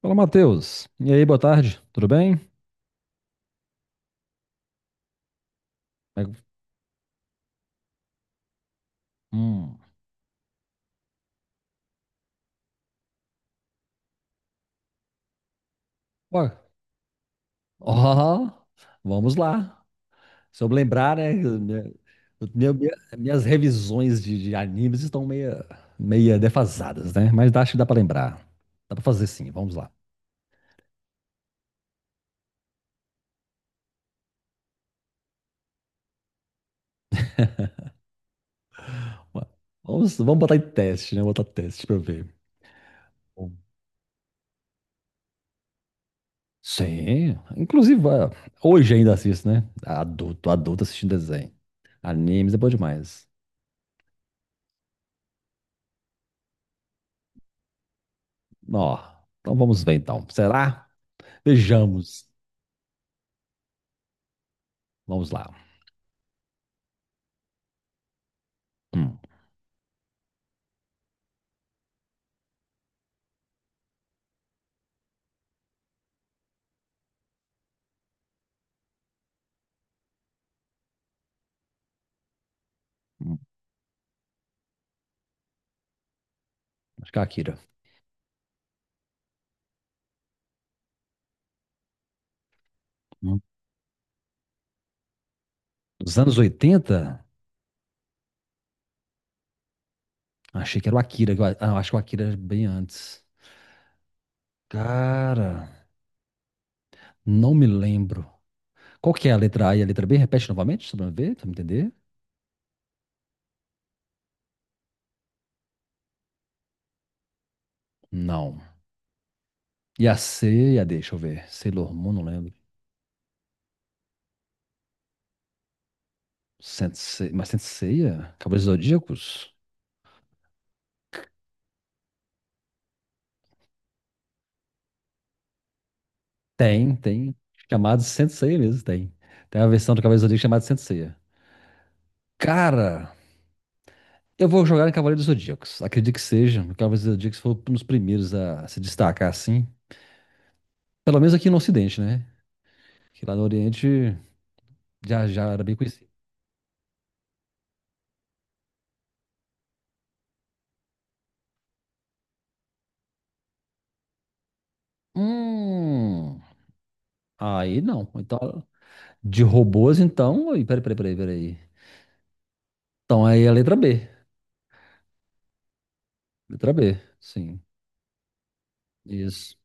Fala, Matheus. E aí, boa tarde. Tudo bem? Como é que- Hum. Ó, ó, vamos lá. Se eu me lembrar, né? Meu- minha- minhas revisões de animes estão meia defasadas, né? Mas acho que dá pra lembrar. Dá pra fazer sim, vamos lá. Ó, Vamos botar em teste, né? Botar teste pra eu ver. Bom. Sim. Inclusive, ó, hoje ainda assisto, né? Adulto, adulto assistindo desenho. Animes é bom demais. Ó, então vamos ver então. Será? Vejamos. Vamos lá. Hum, hum, acho que é o Akira. Hum. Dos anos 80, achei que era o Akira. Ah, eu acho que o Akira era bem antes. Cara, não me lembro. Qual que é a letra A e a letra B? Repete novamente, só pra eu ver, pra eu entender. Não. E a C e a D, deixa eu ver. Sailor Moon, não lembro. Sensei, mas Senseiya? Cavaleiros Zodíacos? Tem, tem. Chamado Senseiya mesmo, tem. Tem a versão do Cavaleiros Zodíacos chamada Senseiya. Cara, eu vou jogar em Cavaleiro dos Zodíacos. Acredito que seja. O Cavaleiro dos Zodíacos foi um dos primeiros a se destacar, assim. Pelo menos aqui no Ocidente, né? Que lá no Oriente já era bem conhecido. Hum. Aí não. Então, de robôs, então. Aí, peraí, peraí, peraí, peraí. Então aí é a letra B. Letra B, sim. Isso.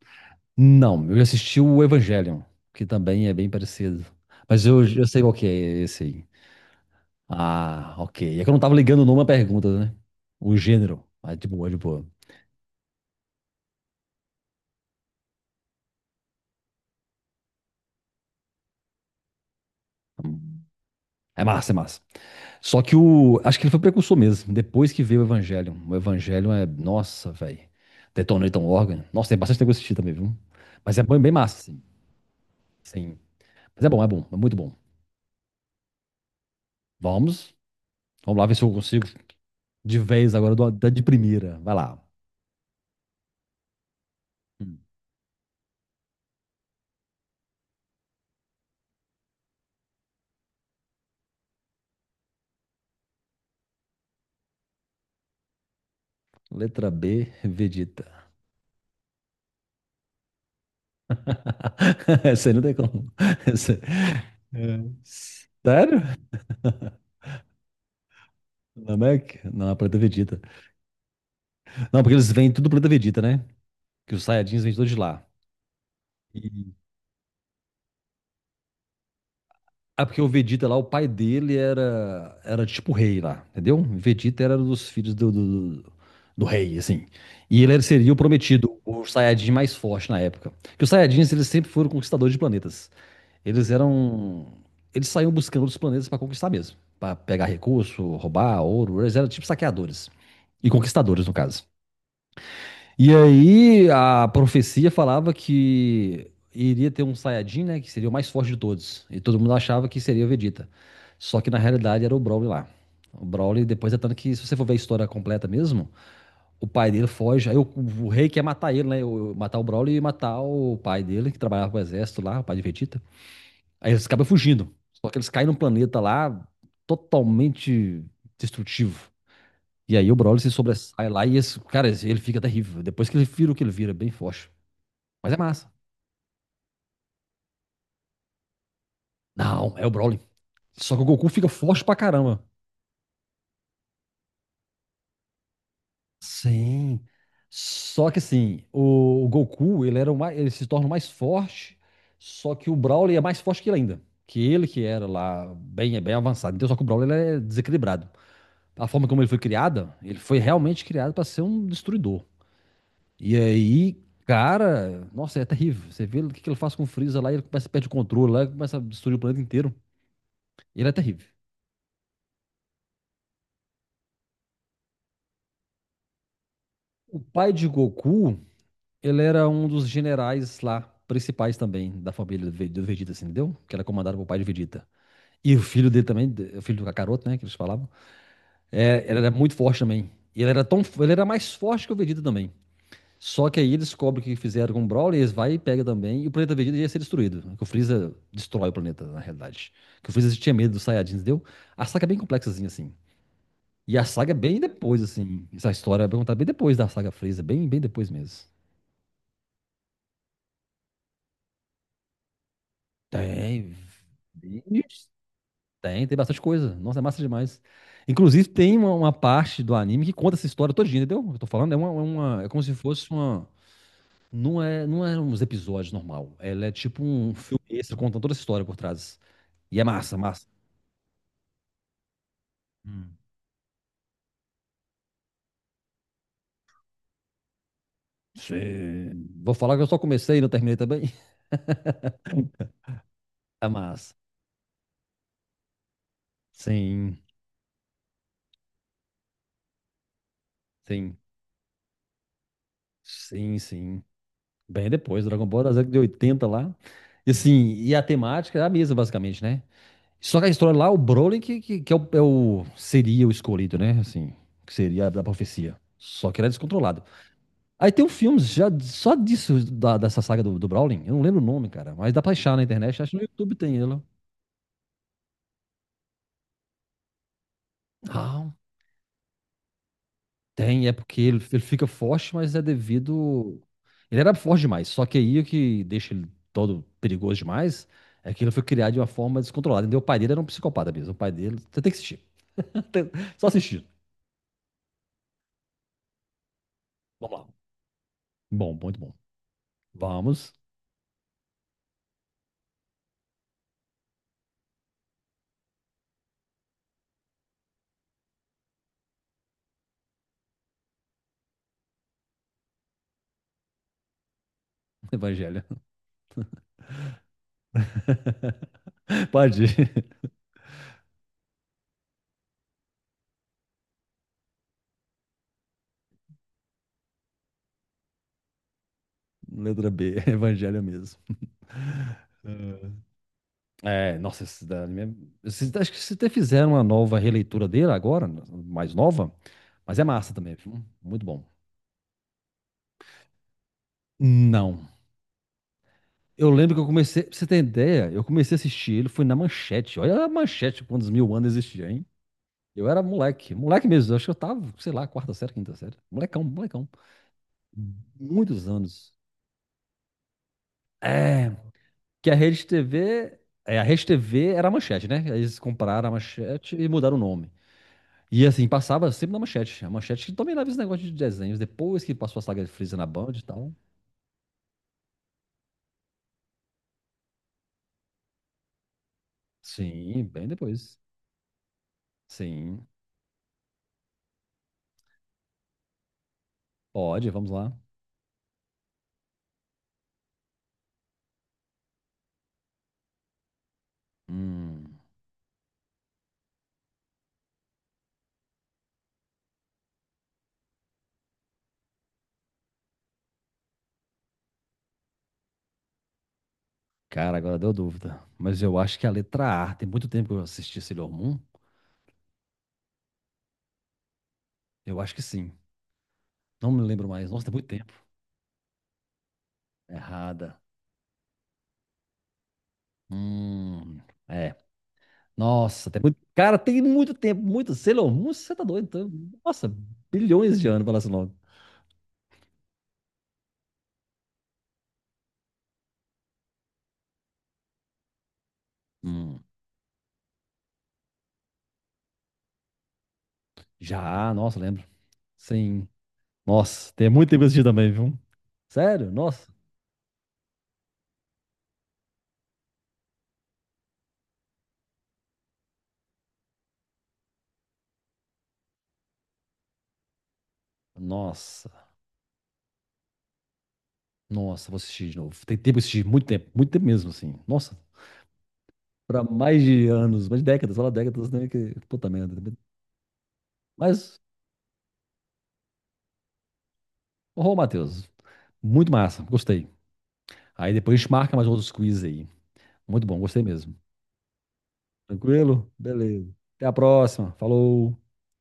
Não, eu já assisti o Evangelion, que também é bem parecido. Mas eu sei qual que é esse aí. Ah, ok. É que eu não tava ligando o nome à pergunta, né? O gênero. Ah, de boa, de boa. É massa, é massa. Só que o. Acho que ele foi precursor mesmo. Depois que veio o Evangelion. Nossa, velho. Detonator Organ. Nossa, tem bastante negócio assistir também, viu? Mas é bom, bem massa, assim. Sim. Mas é bom, é bom. É muito bom. Vamos. Vamos lá ver se eu consigo de vez agora do- da de primeira. Vai lá. Hum. Letra B, Vegeta. Essa aí não tem como. Essa- É. Sério? Namek? Não, é planeta Vegeta. Não, porque eles vêm tudo planeta Vegeta, né? Que os Saiyajins vêm todos de lá. Ah, porque o Vegeta lá, o pai dele era tipo rei lá, entendeu? O Vegeta era dos filhos do rei, assim. E ele seria o prometido, o Saiyajin mais forte na época. Porque os Saiyajins, eles sempre foram conquistadores de planetas. Eles eram... Eles saíam buscando os planetas para conquistar mesmo. Para pegar recurso, roubar ouro. Eles eram tipo saqueadores. E conquistadores, no caso. E aí a profecia falava que iria ter um Saiyajin, né? Que seria o mais forte de todos. E todo mundo achava que seria o Vegeta. Só que na realidade era o Broly lá. O Broly, depois é tanto que, se você for ver a história completa mesmo, o pai dele foge. Aí o rei quer matar ele, né? Matar o Broly e matar o pai dele, que trabalhava com o exército lá, o pai de Vegeta. Aí eles acabam fugindo. Só que eles caem num planeta lá totalmente destrutivo. E aí o Broly se sobressai lá e esse, cara, ele fica terrível. Depois que ele vira o que ele vira, é bem forte. Mas é massa. Não, é o Broly. Só que o Goku fica forte pra caramba. Sim. Só que assim, o Goku, ele se torna o mais forte, só que o Broly é mais forte que ele ainda. Que ele que era lá bem, é bem avançado. Então, só que o Broly ele é desequilibrado. A forma como ele foi criado, ele foi realmente criado para ser um destruidor. E aí, cara, nossa, é terrível. Você vê o que que ele faz com o Freeza lá, ele começa a perder o controle lá, ele começa a destruir o planeta inteiro. Ele é terrível. O pai de Goku, ele era um dos generais lá, principais também, da família do Vegeta, assim, entendeu? Que era comandado pelo pai de Vegeta. E o filho dele também, o filho do Kakaroto, né, que eles falavam, é, ele era muito forte também. E ele era mais forte que o Vegeta também. Só que aí eles descobrem o que fizeram com o Brawler, eles vai e pega também, e o planeta Vegeta ia ser destruído, né? Que o Freeza destrói o planeta, na realidade. Que o Freeza tinha medo dos Saiyajins, entendeu? A saga é bem complexazinha, assim. E a saga é bem depois, assim. Essa história é contada bem depois da saga Freeza, bem, bem depois mesmo. Tem. Vixe, tem bastante coisa. Nossa, é massa demais. Inclusive, tem uma parte do anime que conta essa história todinha, entendeu? Eu tô falando, é como se fosse uma. Não é uns episódios normal. Ela é tipo um filme extra contando toda essa história por trás. E é massa, massa. Hum. Sim. Vou falar que eu só comecei e não terminei também. É massa. Sim, sim, sim, sim. Bem depois, Dragon Ball da década de 80 lá. E assim, e a temática é a mesma, basicamente, né? Só que a história lá, o Broly que seria o escolhido, né? Assim, que seria da profecia. Só que ele é descontrolado. Aí tem um filme já só disso, dessa saga do Browning. Eu não lembro o nome, cara. Mas dá pra achar na internet. Acho que no YouTube tem ele. Ah, tem. É porque ele fica forte, mas é devido. Ele era forte demais. Só que aí o que deixa ele todo perigoso demais é que ele foi criado de uma forma descontrolada. Entendeu? O pai dele era um psicopata mesmo. O pai dele. Você tem que assistir. Tem- Só assistir. Vamos lá. Bom, muito bom. Vamos. Evangelho. Pode ir. Letra B. Evangelho mesmo. É, nossa, acho que vocês até fizeram uma nova releitura dele agora, mais nova, mas é massa também, viu? Muito bom. Não. Eu lembro que eu comecei, pra você ter ideia, eu comecei a assistir ele, foi na Manchete. Olha a Manchete, quantos mil anos existia, hein? Eu era moleque, moleque mesmo, acho que eu tava, sei lá, quarta série, quinta série. Molecão, molecão. Muitos anos. É, que a Rede TV, a Rede TV era a Manchete, né? Aí eles compraram a Manchete e mudaram o nome. E assim, passava sempre na Manchete. A Manchete que dominava esse negócio de desenhos, depois que passou a saga de Freeza na Band e tal. Sim, bem depois. Sim. Pode, vamos lá. Hum, cara, agora deu dúvida. Mas eu acho que a letra A, tem muito tempo que eu assisti Sailor Moon. Eu acho que sim. Não me lembro mais. Nossa, tem muito tempo. Errada. Hum, é. Nossa, tem muito. Cara, tem muito tempo, muito. Sailor Moon, você tá doido? Então, nossa, bilhões de anos pra lá esse nome. Hum, já, nossa, lembro. Sim. Nossa, tem muito tempo que eu assisti também, viu? Sério? Nossa. Nossa. Nossa, vou assistir de novo. Tem tempo que eu assisti, muito tempo mesmo, assim. Nossa, pra mais de anos, mais de décadas, fala décadas, né? Que, puta merda. Mas, ô, Matheus, muito massa, gostei. Aí depois a gente marca mais outros quiz aí. Muito bom, gostei mesmo. Tranquilo? Beleza. Até a próxima. Falou.